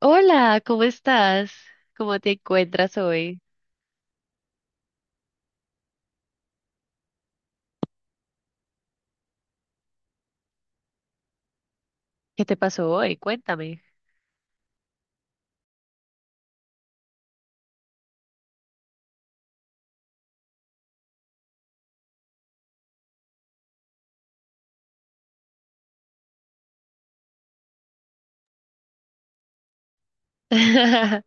Hola, ¿cómo estás? ¿Cómo te encuentras hoy? ¿Qué te pasó hoy? Cuéntame.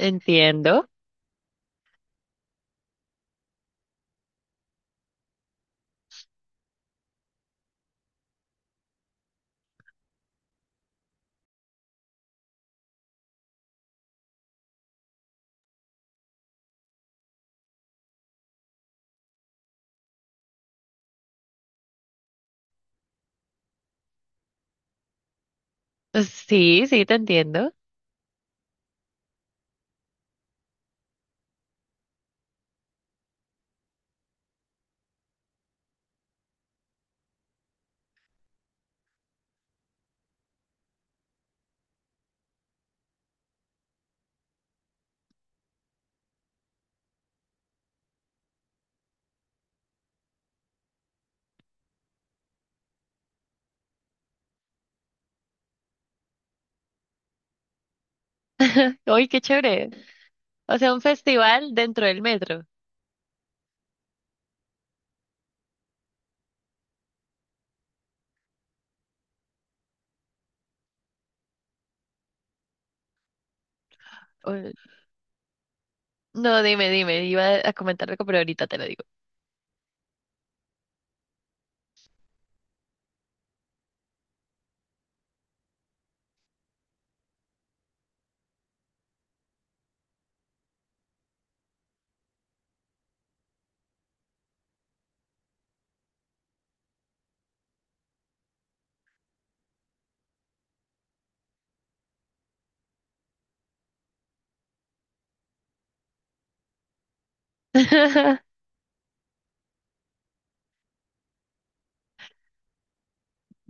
Entiendo. Sí, sí, te entiendo. Uy, qué chévere. O sea, un festival dentro del metro. O- no, dime, dime. Iba a comentar algo, pero ahorita te lo digo.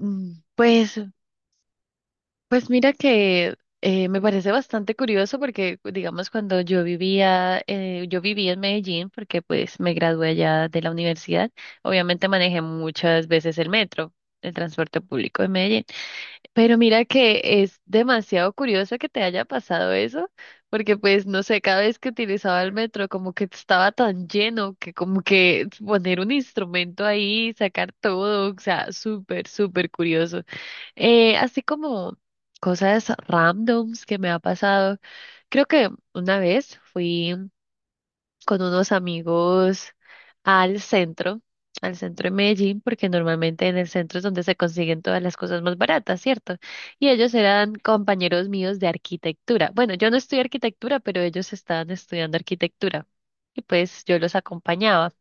Mm, pues. Pues mira que me parece bastante curioso porque, digamos, cuando yo vivía, yo viví en Medellín porque pues me gradué allá de la universidad, obviamente manejé muchas veces el metro, el transporte público de Medellín, pero mira que es demasiado curioso que te haya pasado eso, porque pues no sé, cada vez que utilizaba el metro como que estaba tan lleno que como que poner un instrumento ahí, sacar todo, o sea, súper, súper curioso. Así como cosas randoms que me ha pasado. Creo que una vez fui con unos amigos al centro, al centro de Medellín, porque normalmente en el centro es donde se consiguen todas las cosas más baratas, ¿cierto? Y ellos eran compañeros míos de arquitectura. Bueno, yo no estudié arquitectura, pero ellos estaban estudiando arquitectura. Y pues yo los acompañaba.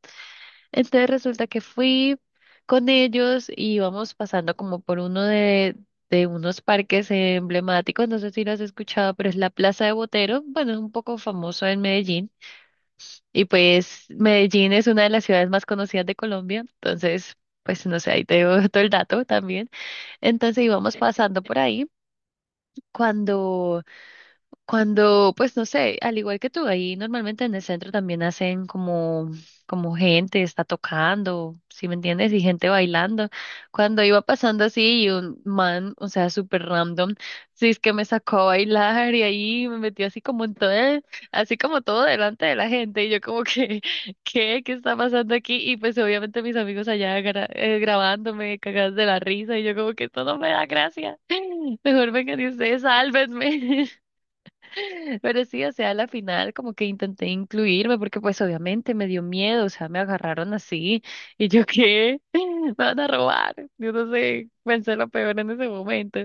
Entonces resulta que fui con ellos y íbamos pasando como por uno de unos parques emblemáticos, no sé si lo has escuchado, pero es la Plaza de Botero, bueno, es un poco famoso en Medellín y pues Medellín es una de las ciudades más conocidas de Colombia, entonces pues no sé, ahí te doy todo el dato también. Entonces íbamos pasando por ahí cuando cuando, pues no sé, al igual que tú, ahí normalmente en el centro también hacen como, como gente está tocando, ¿sí me entiendes? Y gente bailando. Cuando iba pasando así y un man, o sea, súper random, sí es que me sacó a bailar y ahí me metió así como en todo, el- así como todo delante de la gente y yo como que, ¿qué? ¿Qué está pasando aquí? Y pues obviamente mis amigos allá gra- grabándome, cagadas de la risa y yo como que esto no me da gracia. Mejor vengan y ustedes, sálvenme. Pero sí, o sea, a la final como que intenté incluirme porque pues obviamente me dio miedo, o sea, me agarraron así y yo qué, me van a robar. Yo no sé, pensé lo peor en ese momento.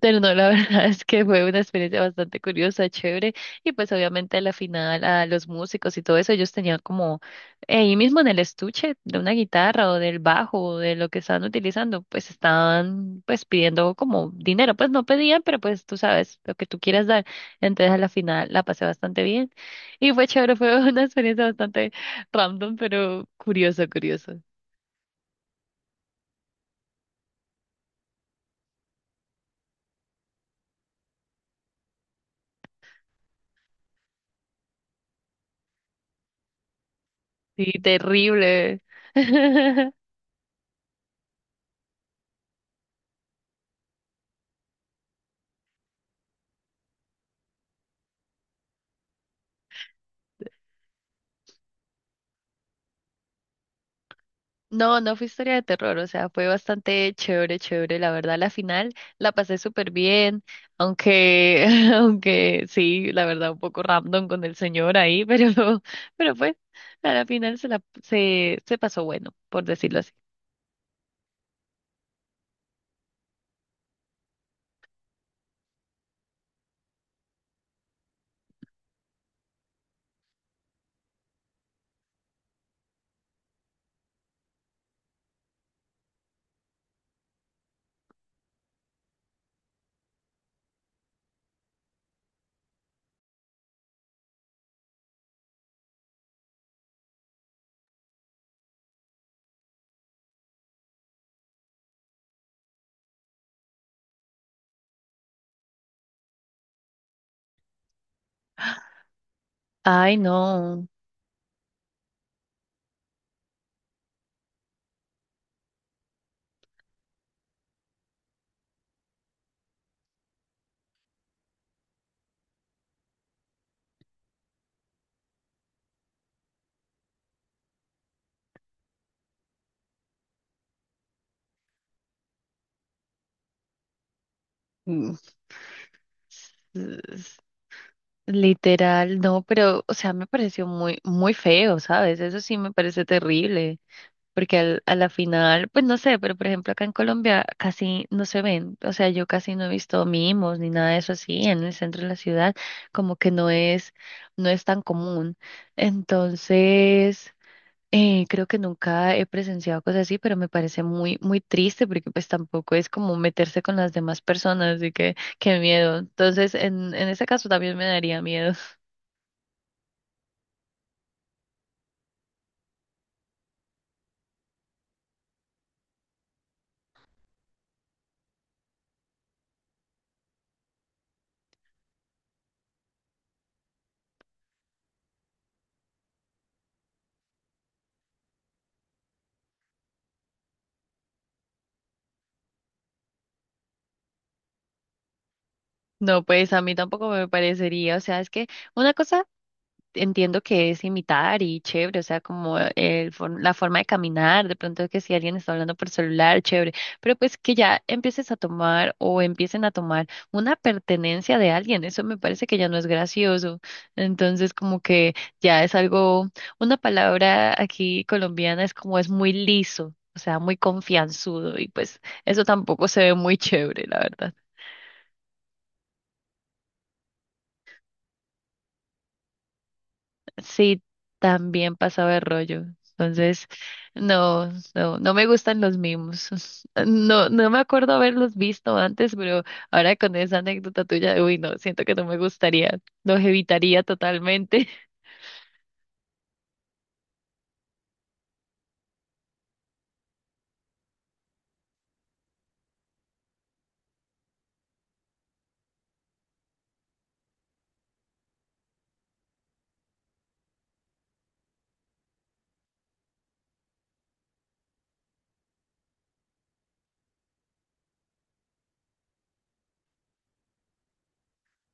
Pero no, la verdad es que fue una experiencia bastante curiosa, chévere. Y pues obviamente a la final a los músicos y todo eso, ellos tenían como ahí mismo en el estuche de una guitarra o del bajo o de lo que estaban utilizando, pues estaban pues pidiendo como dinero, pues no pedían, pero pues tú sabes lo que tú quieras dar. Entonces a la final la pasé bastante bien y fue chévere, fue una experiencia bastante random, pero curioso curioso. Sí, terrible. No, no fue historia de terror, o sea, fue bastante chévere, chévere, la verdad, la final la pasé súper bien, aunque, aunque sí, la verdad, un poco random con el señor ahí, pero pues, a la final se pasó bueno, por decirlo así. Ay, no. Mm. Literal, no, pero, o sea, me pareció muy, muy feo, ¿sabes? Eso sí me parece terrible, porque al, a la final, pues no sé, pero por ejemplo acá en Colombia casi no se ven, o sea, yo casi no he visto mimos ni nada de eso así en el centro de la ciudad, como que no es, no es tan común. Entonces, creo que nunca he presenciado cosas así, pero me parece muy, muy triste porque pues tampoco es como meterse con las demás personas, así que qué miedo. Entonces, en ese caso también me daría miedo. No, pues a mí tampoco me parecería, o sea, es que una cosa entiendo que es imitar y chévere, o sea, como el, for- la forma de caminar, de pronto que si alguien está hablando por celular, chévere, pero pues que ya empieces a tomar o empiecen a tomar una pertenencia de alguien, eso me parece que ya no es gracioso, entonces como que ya es algo, una palabra aquí colombiana es como es muy liso, o sea, muy confianzudo y pues eso tampoco se ve muy chévere, la verdad. Sí, también pasaba de rollo. Entonces, no, no, no me gustan los mimos. No, no me acuerdo haberlos visto antes, pero ahora con esa anécdota tuya, uy, no, siento que no me gustaría, los evitaría totalmente.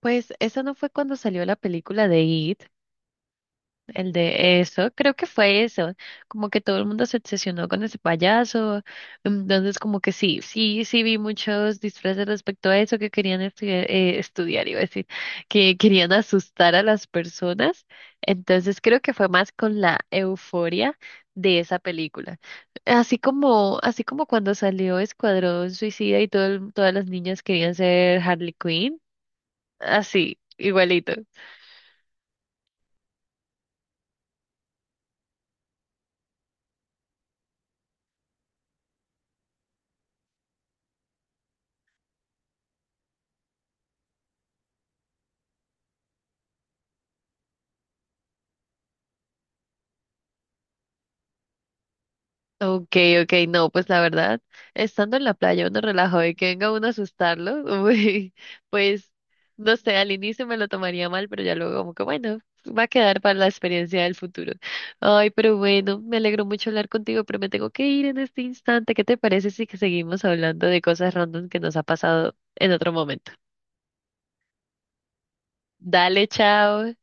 Pues eso no fue cuando salió la película de It. El de eso, creo que fue eso, como que todo el mundo se obsesionó con ese payaso, entonces como que sí, sí, sí vi muchos disfraces respecto a eso que querían estudiar, estudiar, iba a decir, que querían asustar a las personas, entonces creo que fue más con la euforia de esa película, así como cuando salió Escuadrón Suicida y todo el- todas las niñas querían ser Harley Quinn, así, igualito. Ok, ok, no, pues la verdad, estando en la playa uno relajado y que venga uno a asustarlo, uy, pues no sé, al inicio me lo tomaría mal, pero ya luego como que bueno, va a quedar para la experiencia del futuro. Ay, pero bueno, me alegro mucho hablar contigo, pero me tengo que ir en este instante. ¿Qué te parece si que seguimos hablando de cosas random que nos ha pasado en otro momento? Dale, chao.